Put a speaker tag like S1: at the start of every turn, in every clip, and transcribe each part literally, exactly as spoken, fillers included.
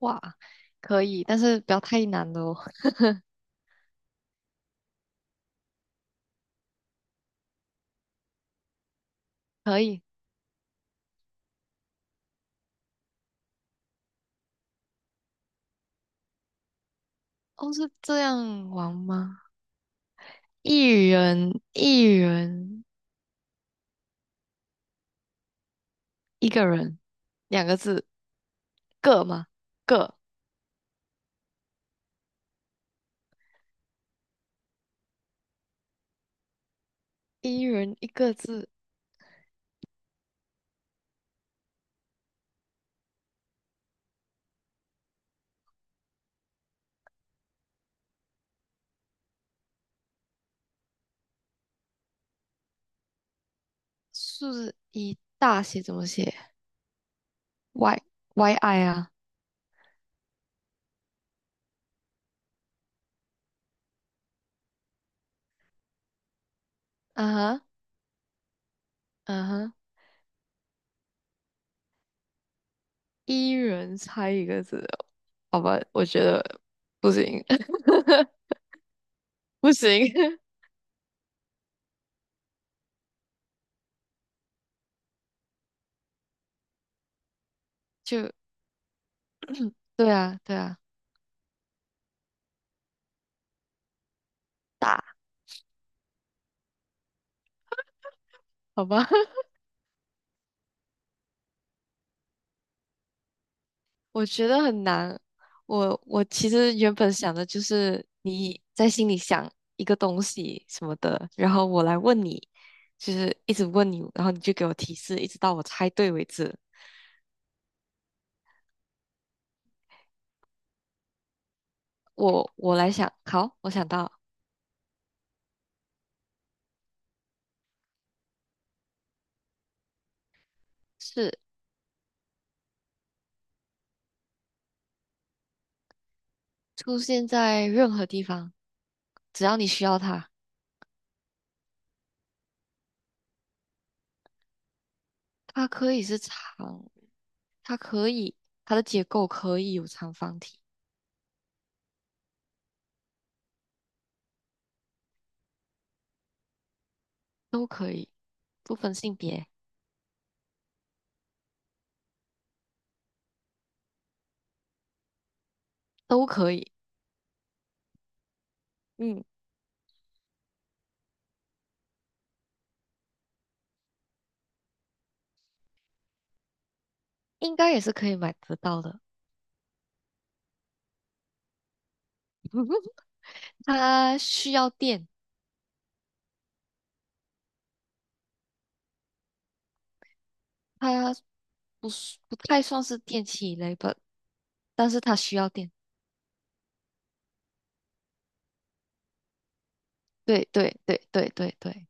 S1: 哇，可以，但是不要太难了哦。可以，哦，是这样玩吗？一人，一人，一个人，两个字，个吗？个，一人一个字，数字一大写怎么写？Y Y I 啊，啊哈，啊哈，一人猜一个字，好吧，我觉得不行，不行，就对啊，对啊，大，好吧。我觉得很难。我我其实原本想的就是你在心里想一个东西什么的，然后我来问你，就是一直问你，然后你就给我提示，一直到我猜对为止。我我来想，好，我想到是出现在任何地方，只要你需要它，它可以是长，它可以它的结构可以有长方体，都可以，不分性别都可以，嗯，应该也是可以买得到的。它需要电，它不是不太算是电器类吧，但是它需要电。对对对对对对，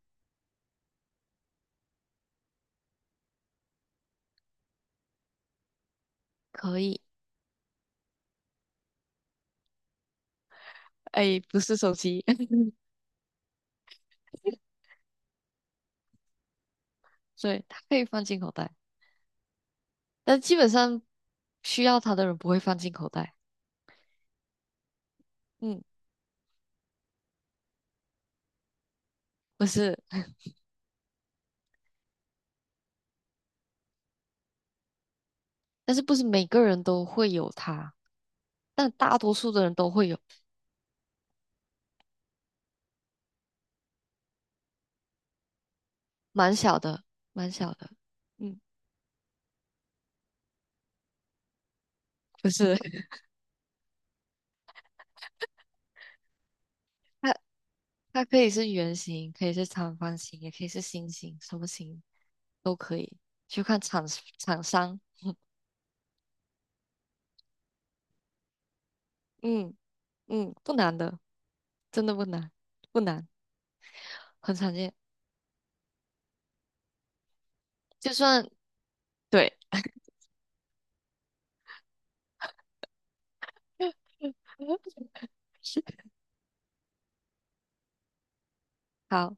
S1: 可以。哎，不是手机，对，它可以放进口袋，但基本上需要它的人不会放进口袋。嗯，不是，但是不是每个人都会有它，但大多数的人都会有，蛮小的，蛮小的。嗯，不是，它它可以是圆形，可以是长方形，也可以是心形，什么形都可以，就看厂厂商。嗯嗯，不难的，真的不难，不难，很常见。就算对，好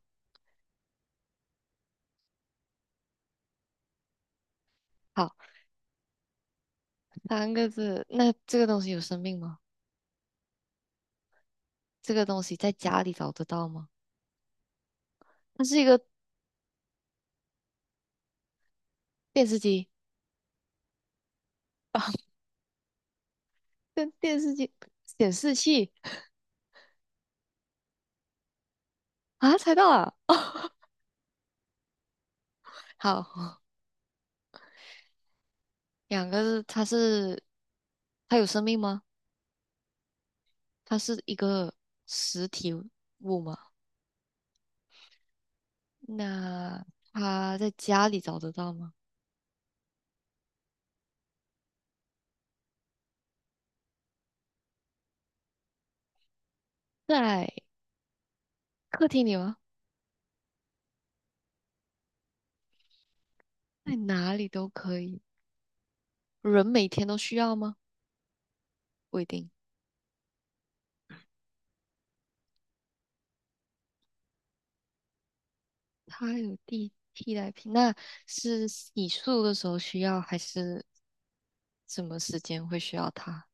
S1: 好，三个字。那这个东西有生命吗？这个东西在家里找得到吗？它是一个电视机，电电视机显示器啊，猜到了。好，两个字，它是它有生命吗？它是一个实体物吗？那他在家里找得到吗？在客厅里吗？在哪里都可以。人每天都需要吗？不一定。他有替替代品，那是洗漱的时候需要，还是什么时间会需要它？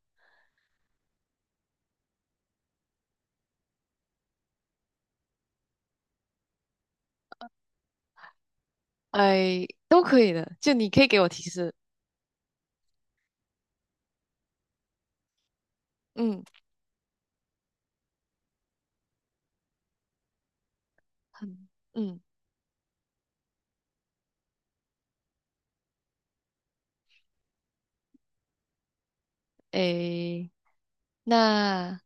S1: 哎，都可以的，就你可以给我提示。嗯，很，嗯，哎，那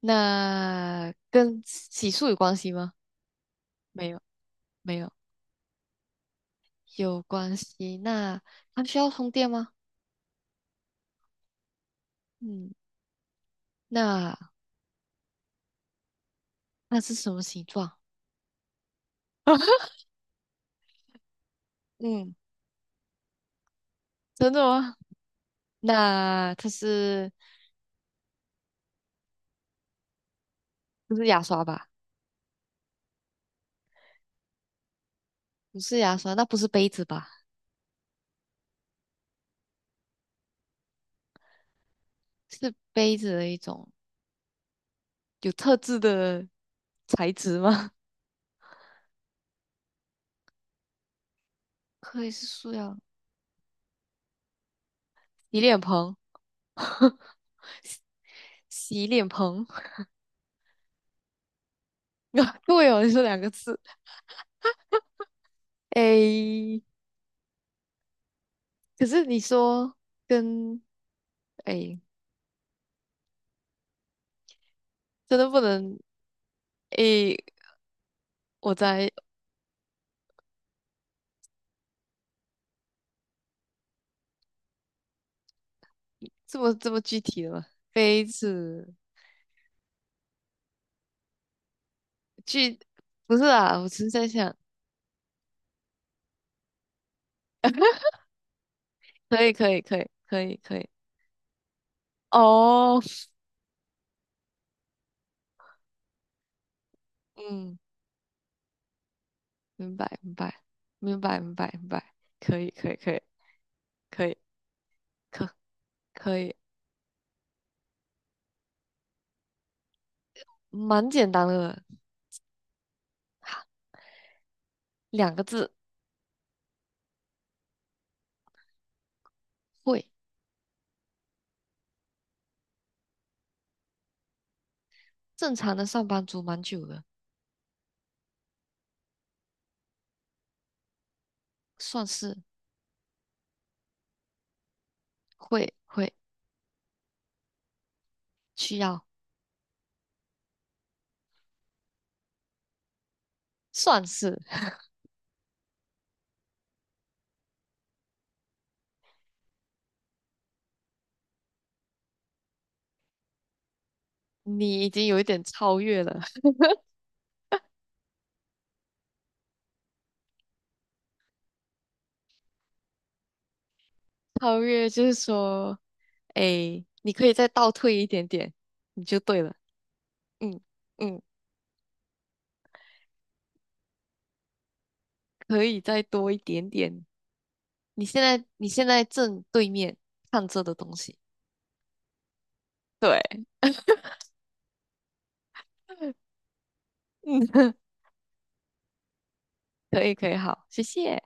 S1: 那跟洗漱有关系吗？没有，没有，有关系。那它需要充电吗？嗯，那那是什么形状？嗯，真的吗？那它是不是牙刷吧？不是牙刷，那不是杯子吧？是杯子的一种有特制的材质吗？可以是塑料洗脸盆，洗洗脸盆。对哦，你说两个字。诶，可是你说跟诶，真的不能诶，我在这么这么具体了吗？杯子去不是啊，我只是在想，可以可以可以可以可以哦，嗯，明白明白明白明白明白，可以可以可以可以可可以，蛮简单的，哈两个字会，正常的上班族蛮久了，算是会会需要，算是你已经有一点超越了，超越就是说，哎，你可以再倒退一点点，你就对了，嗯嗯，可以再多一点点。你现在你现在正对面看这的东西。对，嗯，可以可以，好，谢谢。